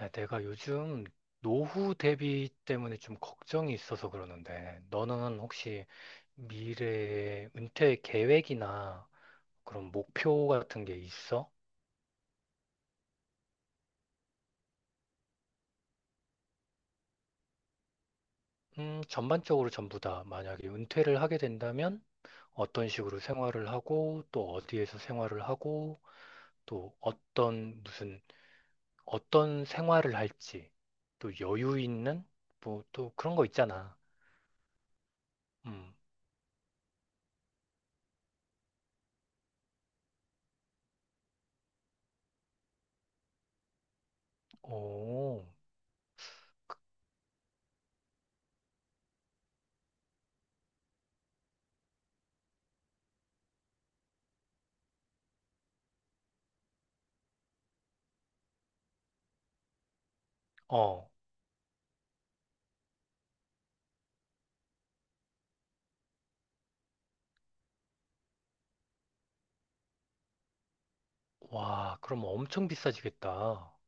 야, 내가 요즘 노후 대비 때문에 좀 걱정이 있어서 그러는데, 너는 혹시 미래의 은퇴 계획이나 그런 목표 같은 게 있어? 전반적으로 전부 다 만약에 은퇴를 하게 된다면 어떤 식으로 생활을 하고 또 어디에서 생활을 하고 또 어떤 무슨 어떤 생활을 할지 또 여유 있는 뭐 또 그런 거 있잖아. 음. 오. 어. 와, 그럼 엄청 비싸지겠다. 어,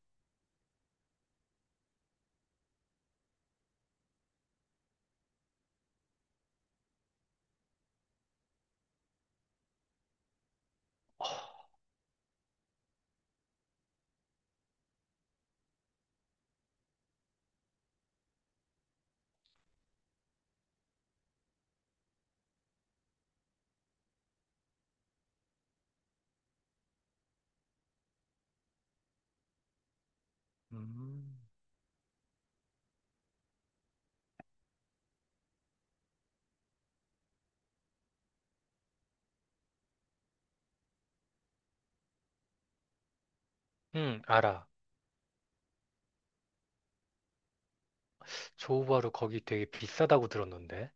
음, 응, 알아. 조우바루 거기 되게 비싸다고 들었는데.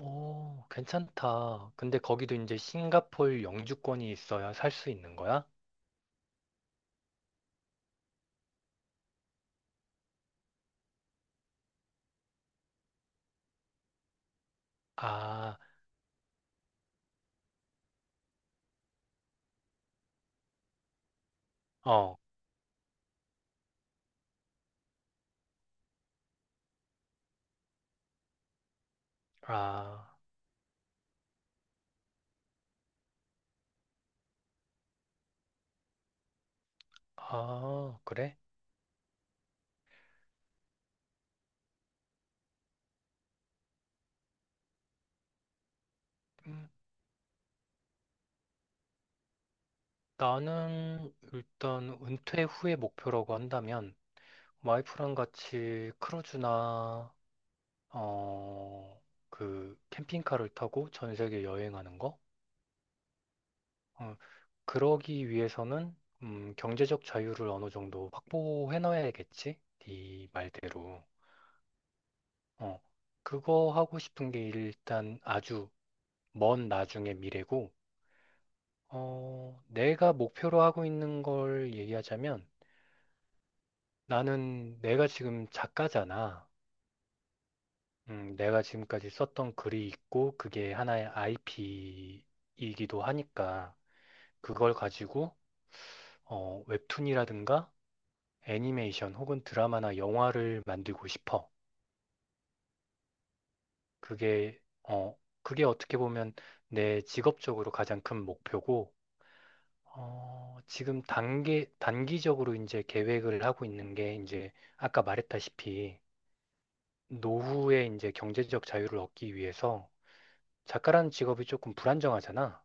오, 괜찮다. 근데 거기도 이제 싱가폴 영주권이 있어야 살 수 있는 거야? 아, 어, 아, 아, 그래? 음, 나는 일단 은퇴 후의 목표라고 한다면 와이프랑 같이 크루즈나 어, 그 캠핑카를 타고 전 세계 여행하는 거? 어. 그러기 위해서는 경제적 자유를 어느 정도 확보해 놔야겠지? 네 말대로. 어, 그거 하고 싶은 게 일단 아주 먼 나중의 미래고, 내가 목표로 하고 있는 걸 얘기하자면 나는 내가 지금 작가잖아. 내가 지금까지 썼던 글이 있고 그게 하나의 IP이기도 하니까 그걸 가지고 웹툰이라든가 애니메이션 혹은 드라마나 영화를 만들고 싶어. 그게, 어, 그게 어떻게 보면 내 직업적으로 가장 큰 목표고, 어, 지금 단기적으로 이제 계획을 하고 있는 게 이제 아까 말했다시피 노후에 이제 경제적 자유를 얻기 위해서 작가라는 직업이 조금 불안정하잖아.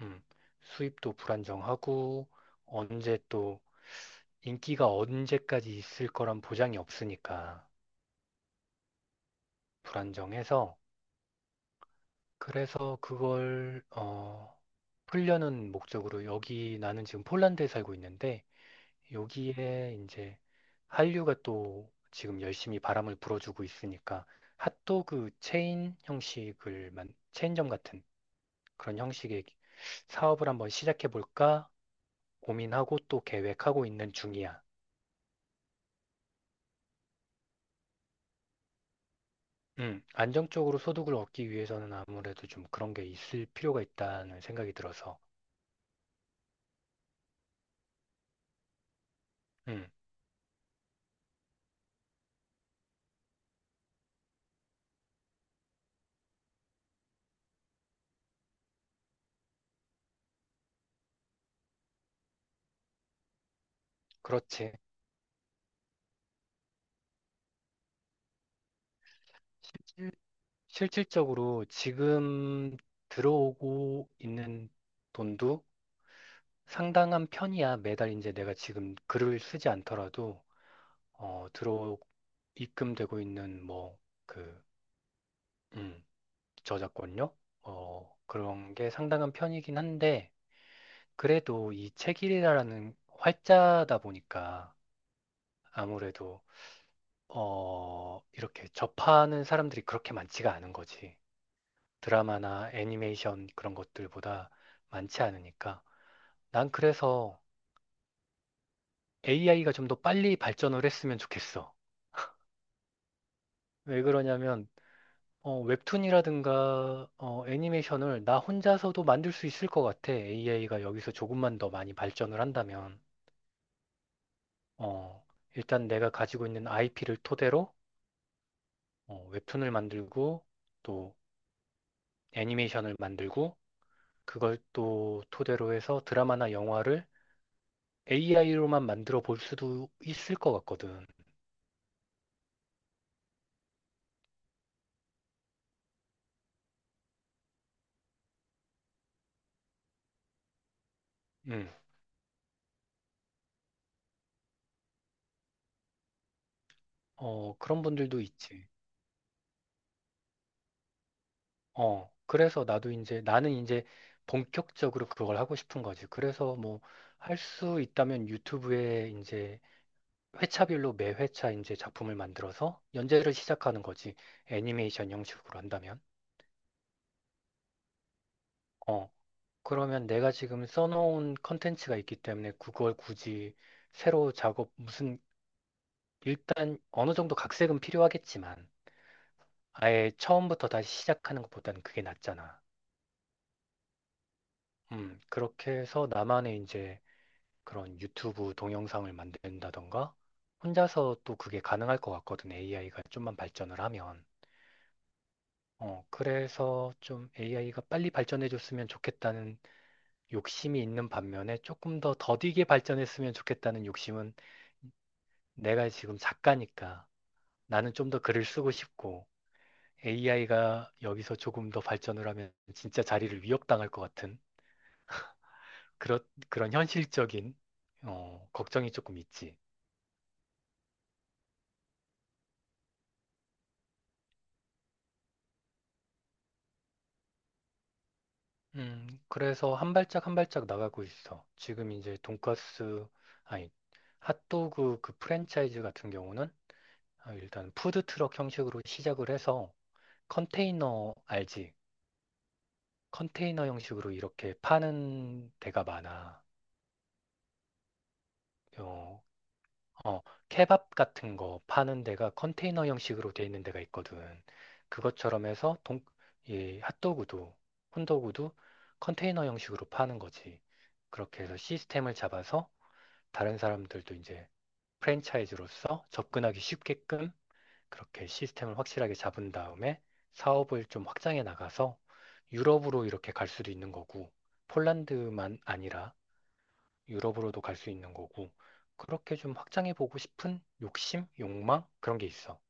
음, 수입도 불안정하고, 언제 또 인기가 언제까지 있을 거란 보장이 없으니까 불안정해서 그래서 그걸 풀려는 목적으로 여기 나는 지금 폴란드에 살고 있는데 여기에 이제 한류가 또 지금 열심히 바람을 불어주고 있으니까 핫도그 체인 형식을 만 체인점 같은 그런 형식의 사업을 한번 시작해 볼까 고민하고 또 계획하고 있는 중이야. 안정적으로 소득을 얻기 위해서는 아무래도 좀 그런 게 있을 필요가 있다는 생각이 들어서. 음, 그렇지. 실질적으로 지금 들어오고 있는 돈도 상당한 편이야. 매달 이제 내가 지금 글을 쓰지 않더라도 어, 들어 입금되고 있는 그 음, 저작권료 그런 게 상당한 편이긴 한데 그래도 이 책이라는 활자다 보니까 아무래도 이렇게 접하는 사람들이 그렇게 많지가 않은 거지. 드라마나 애니메이션 그런 것들보다 많지 않으니까. 난 그래서 AI가 좀 더 빨리 발전을 했으면 좋겠어. 왜 그러냐면, 웹툰이라든가, 애니메이션을 나 혼자서도 만들 수 있을 것 같아. AI가 여기서 조금만 더 많이 발전을 한다면. 어, 일단 내가 가지고 있는 IP를 토대로, 웹툰을 만들고, 또 애니메이션을 만들고, 그걸 또 토대로 해서 드라마나 영화를 AI로만 만들어 볼 수도 있을 것 같거든. 음. 어, 그런 분들도 있지. 어, 그래서 나는 이제 본격적으로 그걸 하고 싶은 거지. 그래서 뭐, 할 수 있다면 유튜브에 이제 회차별로 매 회차 이제 작품을 만들어서 연재를 시작하는 거지. 애니메이션 형식으로 한다면. 어, 그러면 내가 지금 써놓은 컨텐츠가 있기 때문에 그걸 굳이 새로 작업, 무슨, 일단 어느 정도 각색은 필요하겠지만, 아예 처음부터 다시 시작하는 것보다는 그게 낫잖아. 그렇게 해서 나만의 이제 그런 유튜브 동영상을 만든다던가 혼자서 또 그게 가능할 것 같거든. AI가 좀만 발전을 하면. 어, 그래서 좀 AI가 빨리 발전해 줬으면 좋겠다는 욕심이 있는 반면에 조금 더 더디게 발전했으면 좋겠다는 욕심은 내가 지금 작가니까 나는 좀 더 글을 쓰고 싶고 AI가 여기서 조금 더 발전을 하면 진짜 자리를 위협당할 것 같은 그런 현실적인, 걱정이 조금 있지. 그래서 한 발짝 한 발짝 나가고 있어. 지금 이제 돈가스, 아니, 핫도그 그 프랜차이즈 같은 경우는 아, 일단 푸드트럭 형식으로 시작을 해서 컨테이너, 알지? 컨테이너 형식으로 이렇게 파는 데가 많아. 어, 어, 케밥 같은 거 파는 데가 컨테이너 형식으로 돼 있는 데가 있거든. 그것처럼 해서 이 핫도그도, 콘도그도 컨테이너 형식으로 파는 거지. 그렇게 해서 시스템을 잡아서 다른 사람들도 이제 프랜차이즈로서 접근하기 쉽게끔 그렇게 시스템을 확실하게 잡은 다음에 사업을 좀 확장해 나가서 유럽으로 이렇게 갈 수도 있는 거고, 폴란드만 아니라 유럽으로도 갈 수 있는 거고, 그렇게 좀 확장해 보고 싶은 욕심, 욕망 그런 게 있어.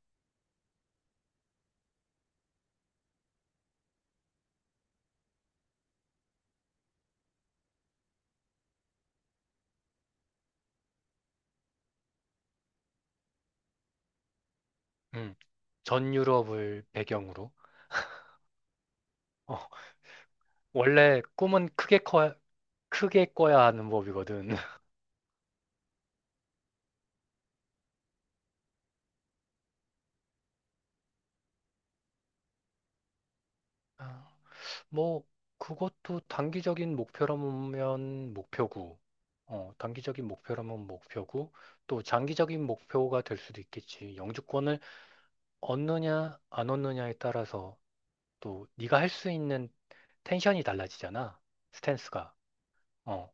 음, 전 유럽을 배경으로. 어, 원래 꿈은 크게 꿔야 하는 법이거든. 아, 뭐 그것도 단기적인 목표라면 목표고, 단기적인 목표라면 목표고, 또 장기적인 목표가 될 수도 있겠지. 영주권을 얻느냐 안 얻느냐에 따라서 또 네가 할 수 있는 텐션이 달라지잖아. 스탠스가. 어.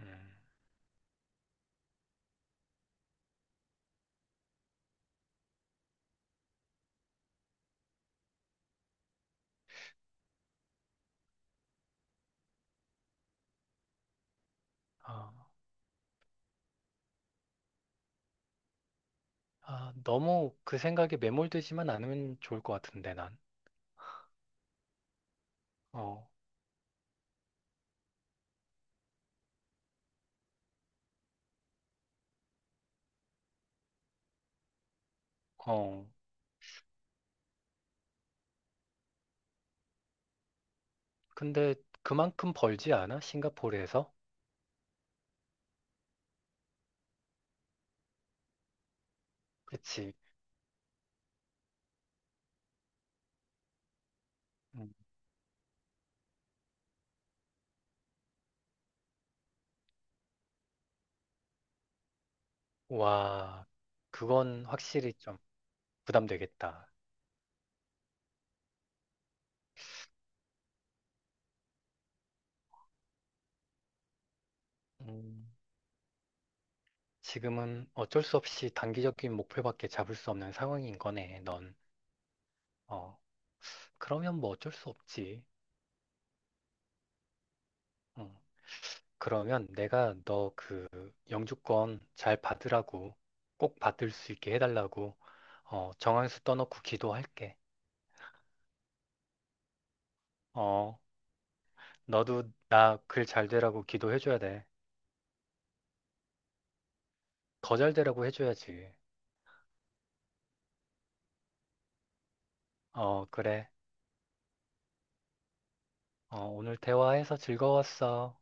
음. 아, 아, 너무 그 생각에 매몰되지만 않으면 좋을 것 같은데, 난. 어, 어. 근데 그만큼 벌지 않아? 싱가포르에서? 그치. 음. 와, 그건 확실히 좀 부담되겠다. 음, 지금은 어쩔 수 없이 단기적인 목표밖에 잡을 수 없는 상황인 거네, 넌. 어, 그러면 뭐 어쩔 수 없지. 어. 그러면 내가 너 그 영주권 잘 받으라고 꼭 받을 수 있게 해달라고 정한수 떠놓고 기도할게. 어, 너도 나 글 잘 되라고 기도해줘야 돼. 더 잘 되라고 해줘야지. 어, 그래. 어, 오늘 대화해서 즐거웠어.